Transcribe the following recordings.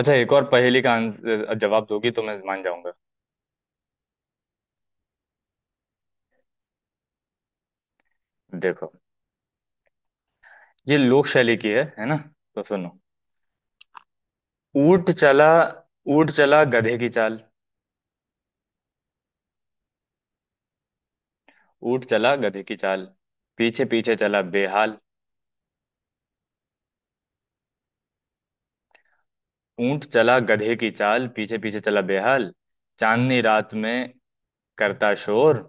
अच्छा, एक और पहेली का आंसर जवाब दोगी तो मैं मान जाऊंगा। देखो, ये लोक शैली की है ना। तो सुनो। ऊंट चला ऊंट चला गधे की चाल, ऊंट चला गधे की चाल पीछे पीछे चला बेहाल। ऊंट चला गधे की चाल पीछे पीछे चला बेहाल, चांदनी रात में करता शोर,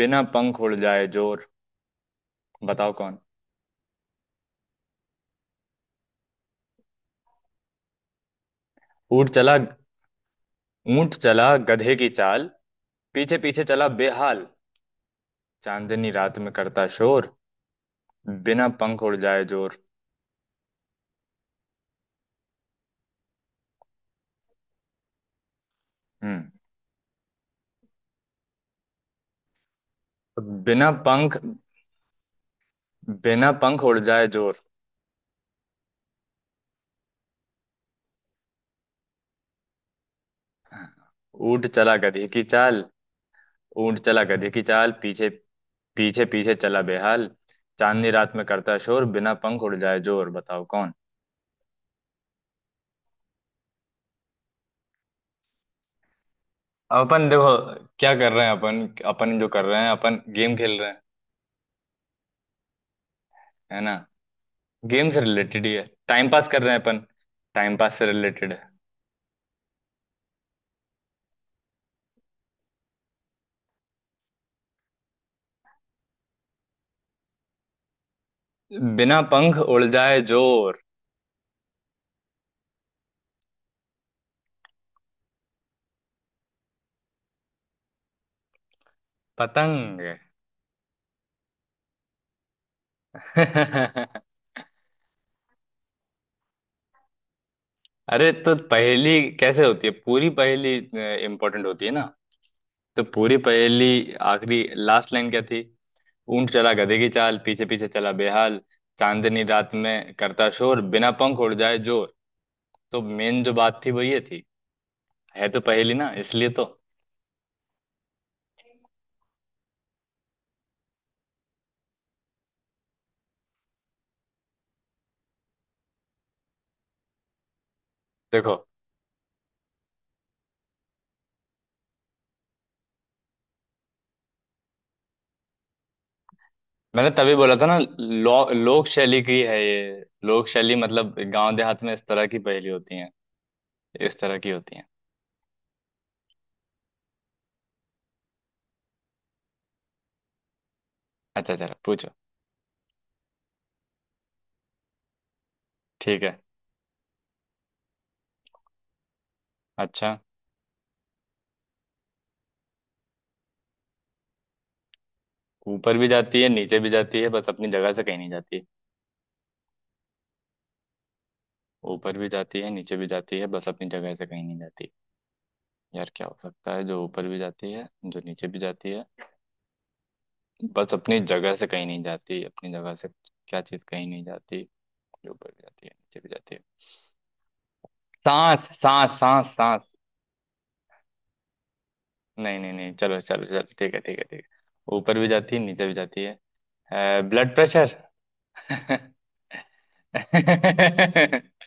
बिना पंख उड़ जाए जोर। बताओ कौन। ऊंट चला ऊंट चला गधे की चाल पीछे पीछे चला बेहाल, चांदनी रात में करता शोर, बिना पंख उड़ जाए जोर। हम्म। बिना पंख। बिना पंख उड़ जाए जोर। ऊंट चला गधी की चाल ऊंट चला गधी की चाल पीछे पीछे पीछे चला बेहाल, चांदनी रात में करता शोर, बिना पंख उड़ जाए जोर। बताओ कौन। अब अपन देखो, क्या कर रहे हैं अपन। अपन जो कर रहे हैं, अपन गेम खेल रहे हैं, है ना। गेम से रिलेटेड ही है, टाइम पास कर रहे हैं अपन। टाइम पास से रिलेटेड है। बिना पंख उड़ जाए जोर। पतंग। अरे तो पहेली, कैसे होती है पूरी पहेली, इंपॉर्टेंट होती है ना। तो पूरी पहेली, आखिरी लास्ट लाइन क्या थी। ऊंट चला गधे की चाल पीछे पीछे चला बेहाल, चांदनी रात में करता शोर, बिना पंख उड़ जाए जोर। तो मेन जो बात थी वो ये थी। है तो पहेली ना, इसलिए तो। देखो, मैंने तभी बोला था ना लोक शैली की है ये। लोक शैली मतलब गांव देहात में इस तरह की पहेली होती है, इस तरह की होती है। अच्छा चलो पूछो। ठीक है। अच्छा। ऊपर भी जाती है नीचे भी जाती है, बस अपनी जगह से कहीं नहीं जाती। ऊपर भी जाती है नीचे भी जाती है, बस अपनी जगह से कहीं नहीं जाती। यार क्या हो सकता है जो ऊपर भी जाती है, जो नीचे भी जाती है, बस अपनी जगह से कहीं नहीं जाती, अपनी जगह से। क्या चीज़ कहीं नहीं जाती, जो ऊपर भी जाती है नीचे भी जाती है। सांस सांस सांस सांस। नहीं नहीं नहीं, चलो चलो चलो, ठीक है ठीक है ठीक है, ऊपर भी जाती है नीचे भी जाती है, ब्लड प्रेशर।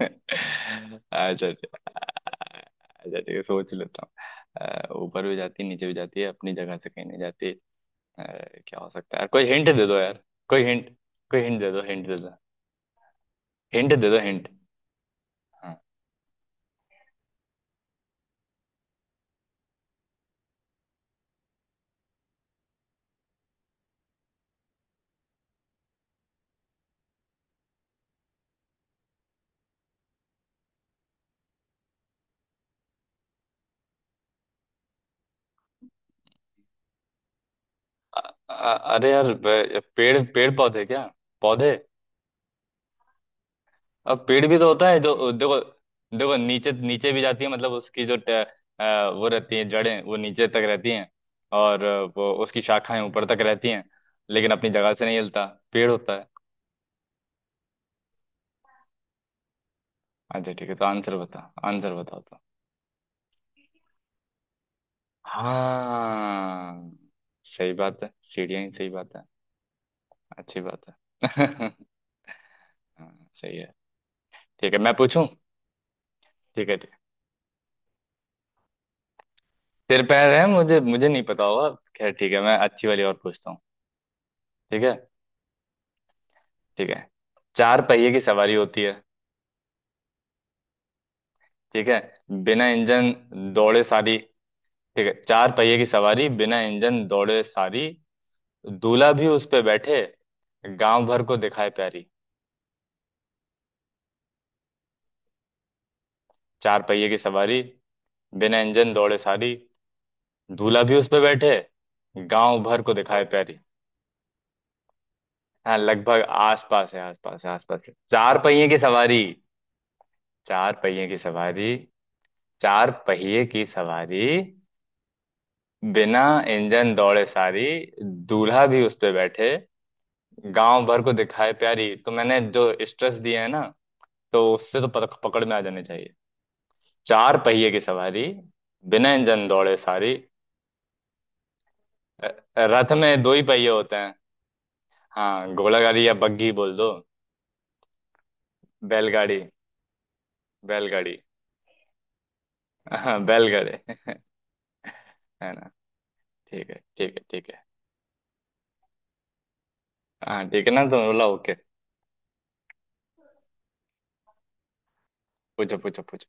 अच्छा अच्छा। ठीक है, सोच लेता हूँ। ऊपर भी जाती है नीचे भी जाती है, अपनी जगह से कहीं नहीं जाती। अ, क्या हो सकता है यार, कोई हिंट दे दो यार। कोई हिंट, कोई हिंट दे दो, हिंट दे दो, हिंट दे दो, हिंट। हाँ। अरे यार, पेड़ पेड़ पौधे, क्या पौधे। अब पेड़ भी तो होता है, जो देखो, देखो नीचे, नीचे भी जाती है, मतलब उसकी जो वो रहती है, जड़ें वो नीचे तक रहती हैं। और वो उसकी शाखाएं ऊपर तक रहती हैं, लेकिन अपनी जगह से नहीं हिलता। पेड़ होता है। अच्छा ठीक है, तो आंसर बता, आंसर बताओ तो। हाँ, सही बात है, सीढ़ियाँ ही सही बात है, अच्छी बात है। हाँ, सही है। ठीक है, मैं पूछूं। ठीक है ठीक है, सिर पैर है, मुझे मुझे नहीं पता होगा। खैर ठीक है, मैं अच्छी वाली और पूछता हूँ। ठीक है। ठीक है। चार पहिए की सवारी होती है। ठीक है। बिना इंजन दौड़े सारी। ठीक है। चार पहिए की सवारी बिना इंजन दौड़े सारी, दूल्हा भी उस पे बैठे, गांव भर को दिखाए प्यारी। चार पहिए की सवारी, बिना इंजन दौड़े सारी, दूल्हा भी उस पे बैठे, गांव भर को दिखाए प्यारी। हाँ लगभग आसपास है, आसपास है, आसपास है। चार पहिए की सवारी, चार पहिए की सवारी, चार पहिए की सवारी, बिना इंजन दौड़े सारी, दूल्हा भी उस पे बैठे, गांव भर को दिखाए प्यारी। तो मैंने जो स्ट्रेस दिया है ना, तो उससे तो पकड़ में आ जाने चाहिए। चार पहिए की सवारी, बिना इंजन दौड़े सारी। अ, रथ में दो ही पहिए होते हैं। हाँ, घोड़ा गाड़ी या बग्घी बोल दो। बैलगाड़ी, बैलगाड़ी, हाँ बैलगाड़ी, है ना। ठीक है ठीक है ठीक है। हाँ ठीक है ना, तो बोला ओके। पूछो पूछो पूछो।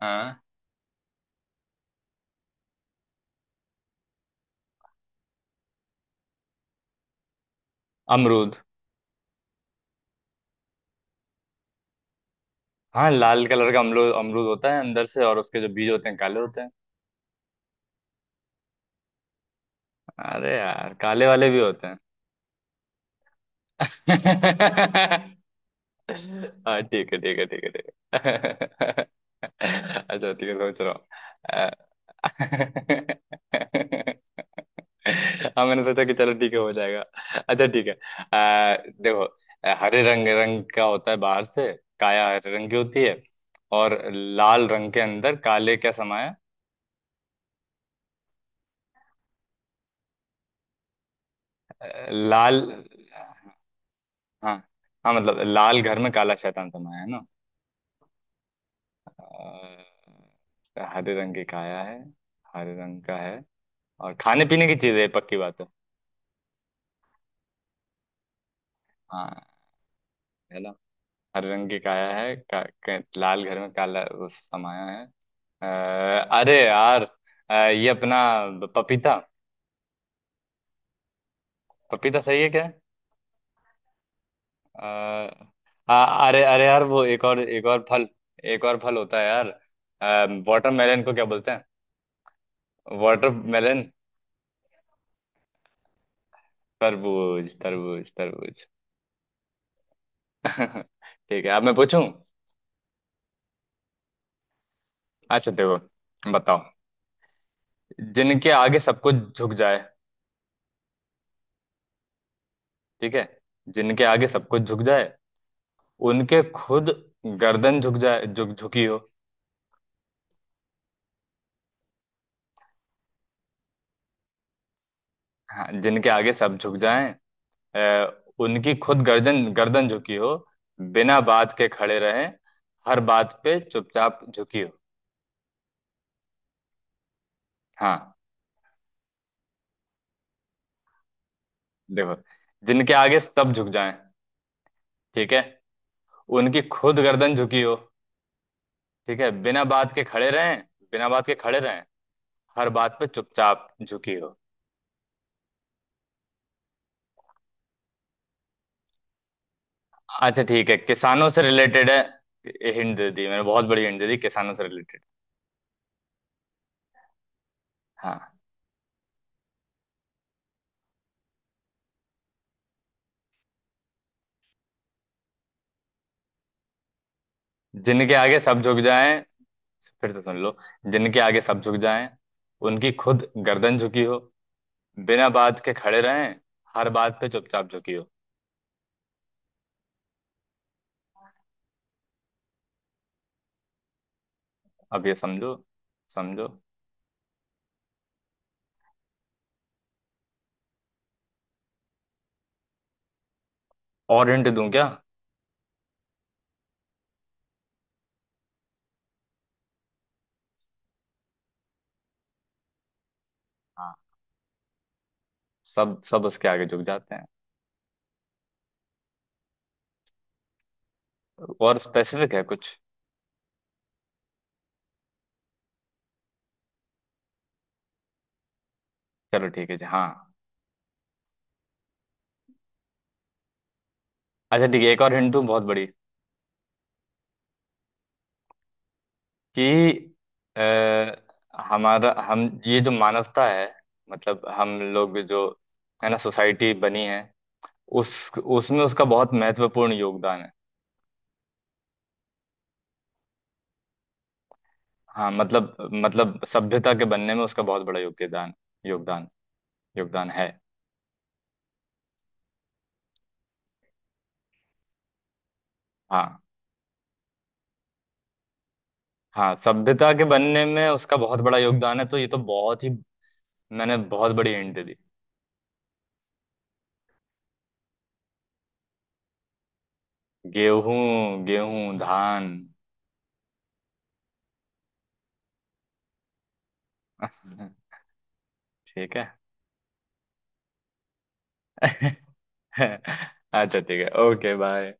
हाँ। अमरूद। हाँ, लाल कलर का अमरूद, अमरूद होता है अंदर से, और उसके जो बीज होते हैं काले होते हैं। अरे यार काले वाले भी होते हैं। हाँ ठीक है ठीक है ठीक है ठीक है। अच्छा ठीक है, सोच रहा हूँ। अ- हाँ मैंने सोचा कि चलो ठीक है हो जाएगा। अच्छा ठीक है। आ, देखो, हरे रंग रंग का होता है बाहर से, काया हरे रंग की होती है। और लाल रंग के अंदर काले क्या समाया है? लाल, हाँ हाँ, मतलब लाल घर में काला शैतान समाया है ना। हरे रंग की काया है, हरे रंग का है, और खाने पीने की चीज है ये, पक्की बात है। हाँ, है ना। हरे रंग की काया है लाल घर में काला वो समाया है। अ, अरे यार, ये अपना पपीता। पपीता सही है क्या? अ, आ, अरे अरे यार वो, एक और फल, एक और फल होता है यार। वाटरमेलन को क्या बोलते हैं? वाटरमेलन, तरबूज, तरबूज तरबूज। ठीक है, अब मैं पूछूं। अच्छा देखो बताओ। जिनके आगे सब कुछ झुक जाए। ठीक है। जिनके आगे सब कुछ झुक जाए, उनके खुद गर्दन झुक जाए, झुकी हो। हाँ, जिनके आगे सब झुक जाएं, अ, उनकी खुद गर्दन गर्दन झुकी हो, बिना बात के खड़े रहे, हर बात पे चुपचाप झुकी हो। हाँ। देखो, जिनके आगे सब झुक जाएं, ठीक है, उनकी खुद गर्दन झुकी हो, ठीक है, बिना बात के खड़े रहें, बिना बात के खड़े रहें, हर बात पे चुपचाप झुकी हो। अच्छा ठीक है, किसानों से रिलेटेड है। हिंट दे दी मैंने, बहुत बड़ी हिंट दे दी, किसानों से रिलेटेड। हाँ, जिनके आगे सब झुक जाएं, फिर से सुन लो। जिनके आगे सब झुक जाएं, उनकी खुद गर्दन झुकी हो, बिना बात के खड़े रहें, हर बात पे चुपचाप झुकी हो। अब ये समझो, समझो। और हिंट दूं क्या। हाँ, सब सब उसके आगे झुक जाते हैं, और स्पेसिफिक है कुछ। चलो ठीक है जी, हाँ। अच्छा ठीक है, एक और हिंट दूं बहुत बड़ी, कि हमारा हम ये जो मानवता है, मतलब हम लोग जो, है ना, सोसाइटी बनी है, उस उसमें उसका बहुत महत्वपूर्ण योगदान है। हाँ, मतलब सभ्यता के बनने में उसका बहुत बड़ा योगदान योगदान योगदान है। हाँ हाँ, सभ्यता के बनने में उसका बहुत बड़ा योगदान है, तो ये तो बहुत ही, मैंने बहुत बड़ी हिंट दे दी। गेहूं गेहूं धान। ठीक है। अच्छा ठीक है, ओके बाय।